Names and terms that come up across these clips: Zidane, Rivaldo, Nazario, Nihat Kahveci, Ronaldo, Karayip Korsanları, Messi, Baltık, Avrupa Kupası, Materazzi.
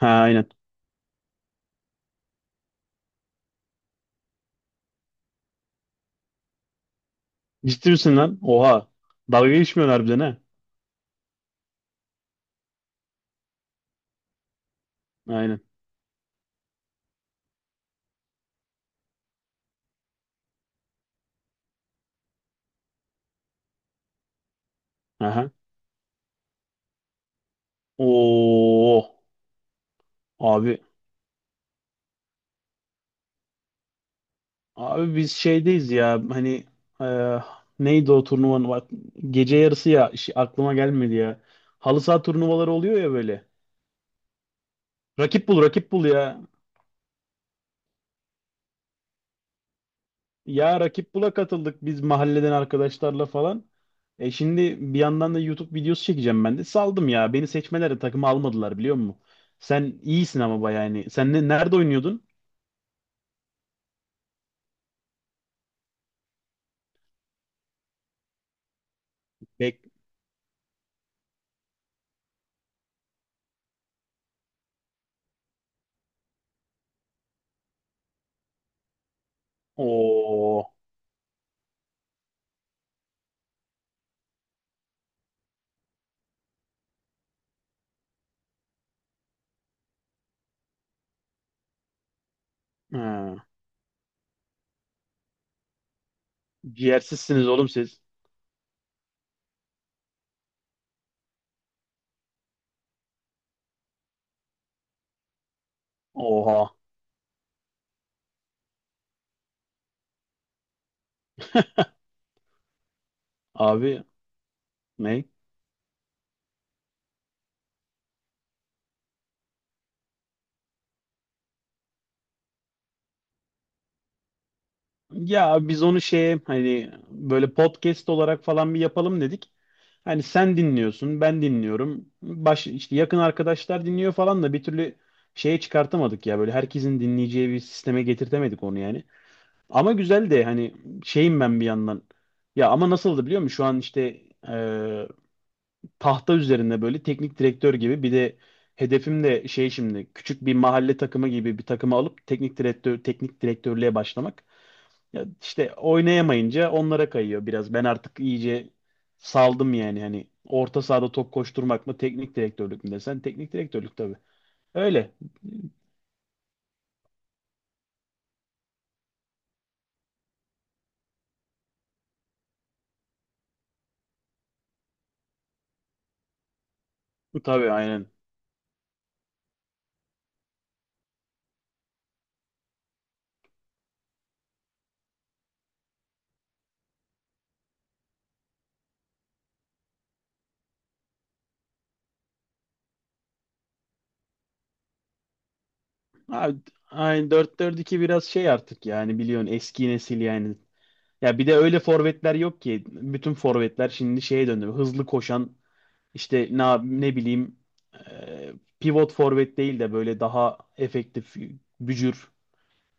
Ha, aynen. Ciddi misin lan? Oha. Dalga geçmiyorsun harbiden, ha. Aynen. Aha. Oo. Abi. Abi biz şeydeyiz ya. Hani e, neydi o turnuvanın? Bak, gece yarısı ya. Aklıma gelmedi ya. Halı saha turnuvaları oluyor ya böyle. Rakip bul, rakip bul ya. Ya rakip bula katıldık biz mahalleden arkadaşlarla falan. E şimdi bir yandan da YouTube videosu çekeceğim ben de. Saldım ya. Beni seçmelerde takıma almadılar, biliyor musun? Sen iyisin ama bayağı yani. Sen nerede oynuyordun? Bek o. Ciğersizsiniz oğlum siz. Oha. Abi, ne? Ya biz onu şeye hani böyle podcast olarak falan bir yapalım dedik. Hani sen dinliyorsun, ben dinliyorum. İşte yakın arkadaşlar dinliyor falan da bir türlü şeye çıkartamadık ya. Böyle herkesin dinleyeceği bir sisteme getirtemedik onu yani. Ama güzel de hani şeyim ben bir yandan. Ya ama nasıldı biliyor musun? Şu an işte tahta üzerinde böyle teknik direktör gibi bir de hedefim de şey, şimdi küçük bir mahalle takımı gibi bir takımı alıp teknik direktörlüğe başlamak. Ya işte oynayamayınca onlara kayıyor biraz. Ben artık iyice saldım yani, hani orta sahada top koşturmak mı teknik direktörlük mü desen, teknik direktörlük tabii. Öyle. Tabii, aynen. Abi, aynen dört 4 2 biraz şey artık yani, biliyorsun, eski nesil yani. Ya bir de öyle forvetler yok ki. Bütün forvetler şimdi şeye döndü. Hızlı koşan. İşte ne bileyim, e, pivot forvet değil de böyle daha efektif, bücür.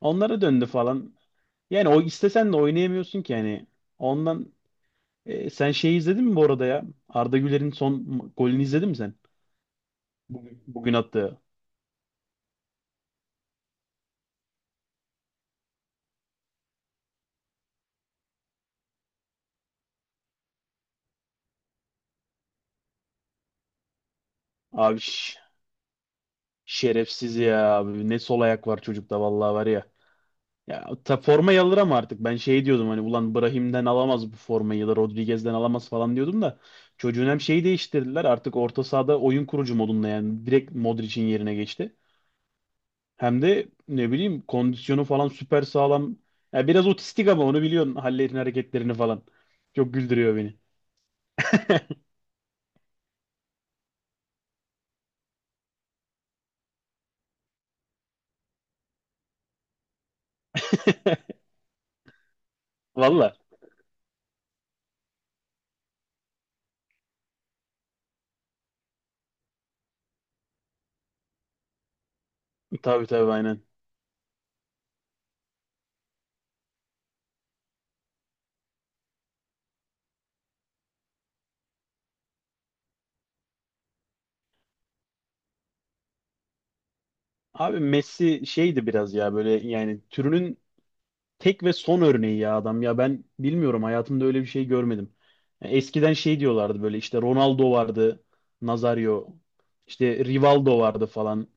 Onlara döndü falan. Yani o istesen de oynayamıyorsun ki yani. Ondan sen şeyi izledin mi bu arada ya? Arda Güler'in son golünü izledin mi sen? Bugün attığı. Abi, şerefsiz ya abi. Ne sol ayak var çocukta, vallahi var ya. Ya ta formayı alır ama artık ben şey diyordum, hani ulan Brahim'den alamaz bu formayı ya da Rodriguez'den alamaz falan diyordum da çocuğun hem şeyi değiştirdiler artık orta sahada oyun kurucu modunda, yani direkt Modric'in yerine geçti. Hem de ne bileyim, kondisyonu falan süper sağlam. Ya biraz otistik ama onu biliyorsun, hallerini, hareketlerini falan. Çok güldürüyor beni. Valla. Tabii tabii, aynen. Abi Messi şeydi biraz ya, böyle yani türünün tek ve son örneği ya adam ya, ben bilmiyorum, hayatımda öyle bir şey görmedim. Ya eskiden şey diyorlardı, böyle işte Ronaldo vardı, Nazario, işte Rivaldo vardı falan.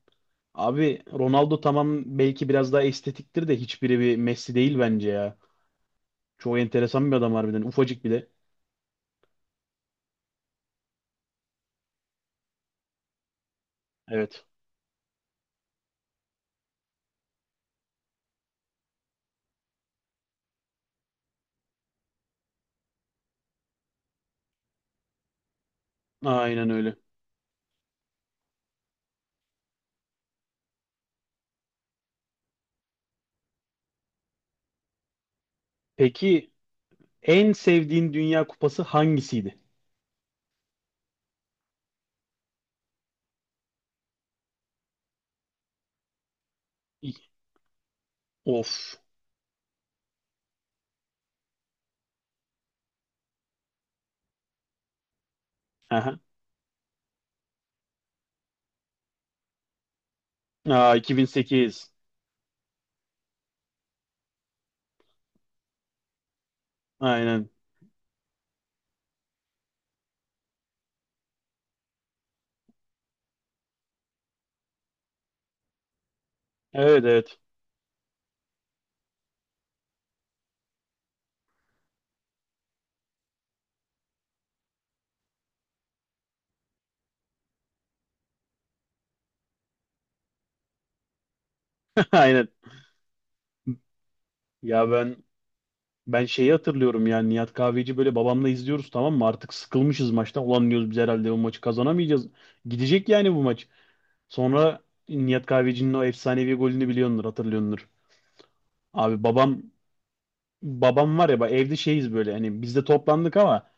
Abi Ronaldo tamam, belki biraz daha estetiktir de hiçbiri bir Messi değil bence ya. Çok enteresan bir adam harbiden, ufacık bir de. Evet. Aynen öyle. Peki en sevdiğin Dünya Kupası hangisiydi? İ- Of. Aha. Aa, 2008. Aynen. Evet, evet. Aynen. Ya ben Ben şeyi hatırlıyorum yani, Nihat Kahveci, böyle babamla izliyoruz, tamam mı? Artık sıkılmışız maçtan. Ulan diyoruz biz herhalde bu maçı kazanamayacağız. Gidecek yani bu maç. Sonra Nihat Kahveci'nin o efsanevi golünü biliyordur, hatırlıyordur. Abi babam, var ya bak, evde şeyiz böyle hani, biz de toplandık ama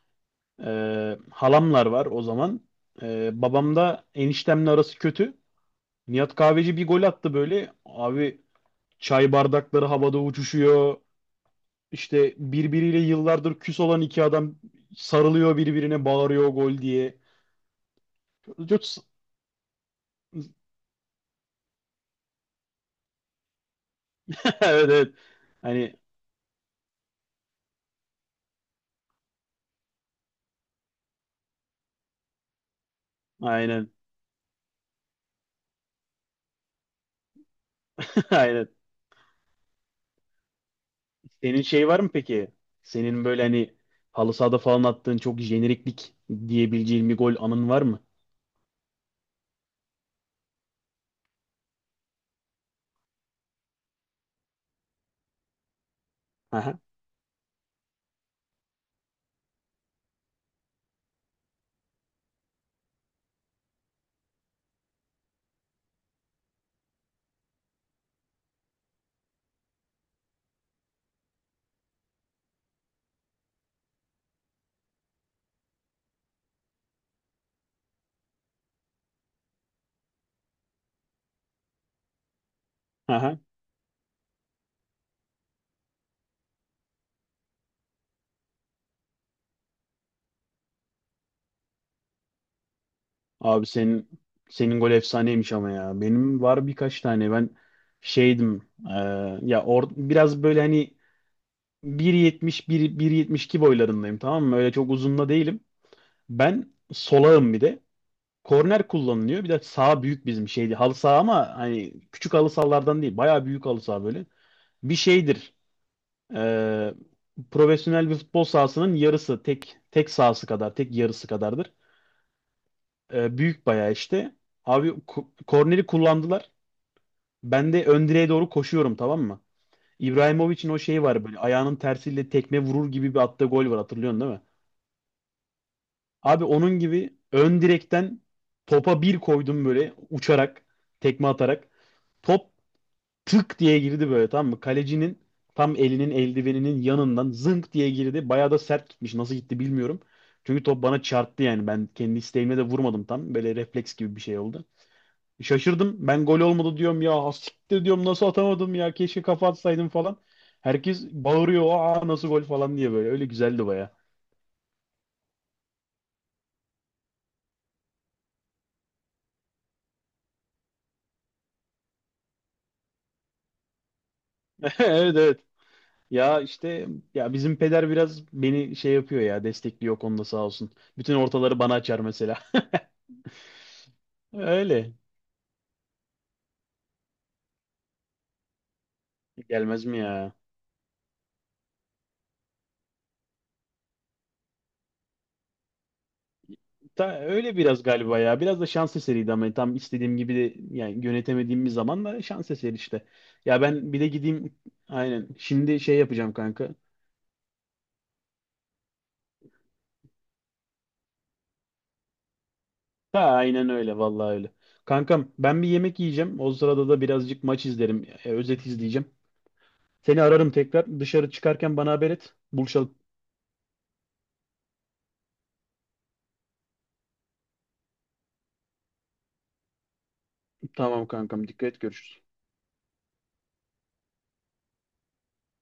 halamlar var o zaman. E, babam da eniştemle arası kötü. Nihat Kahveci bir gol attı böyle. Abi çay bardakları havada uçuşuyor. İşte birbiriyle yıllardır küs olan iki adam sarılıyor birbirine, bağırıyor gol diye. Çok... Evet, evet. Hani, aynen. Aynen. Senin şey var mı peki? Senin böyle hani halı sahada falan attığın çok jeneriklik diyebileceğin bir gol anın var mı? Aha, aha. Abi senin, gol efsaneymiş ama ya. Benim var birkaç tane. Ben şeydim. Ya or biraz böyle hani bir yetmiş bir 1 1.72 boylarındayım, tamam mı? Öyle çok uzun da değilim. Ben solağım bir de. Korner kullanılıyor. Bir de sağ büyük bizim şeydi. Halı saha ama hani küçük halı sahalardan değil. Bayağı büyük halı saha böyle. Bir şeydir. Ee, profesyonel bir futbol sahasının yarısı. Tek sahası kadar. Tek yarısı kadardır. Büyük bayağı işte. Abi korneri kullandılar. Ben de ön direğe doğru koşuyorum, tamam mı? İbrahimovic'in o şeyi var böyle, ayağının tersiyle tekme vurur gibi bir attığı gol var, hatırlıyorsun değil mi? Abi onun gibi ön direkten topa bir koydum böyle uçarak, tekme atarak. Top tık diye girdi böyle, tamam mı? Kalecinin tam elinin, eldiveninin yanından zınk diye girdi. Bayağı da sert gitmiş. Nasıl gitti bilmiyorum. Çünkü top bana çarptı yani. Ben kendi isteğimle de vurmadım tam. Böyle refleks gibi bir şey oldu. Şaşırdım. Ben gol olmadı diyorum ya. "Ha, siktir" diyorum, "nasıl atamadım ya. Keşke kafa atsaydım" falan. Herkes bağırıyor. "Aa, nasıl gol" falan diye böyle. Öyle güzeldi baya. Evet, evet. Ya işte, ya bizim peder biraz beni şey yapıyor ya, destekliyor o konuda, sağ olsun. Bütün ortaları bana açar mesela. Öyle. Gelmez mi ya? Ta, öyle biraz galiba ya. Biraz da şans eseriydi ama tam istediğim gibi de yani, yönetemediğim bir zaman da şans eseri işte. Ya ben bir de gideyim, aynen. Şimdi şey yapacağım, kanka. Ha, aynen öyle, vallahi öyle. Kankam, ben bir yemek yiyeceğim. O sırada da birazcık maç izlerim. Özet izleyeceğim. Seni ararım tekrar. Dışarı çıkarken bana haber et. Buluşalım. Tamam kankam, dikkat et, görüşürüz.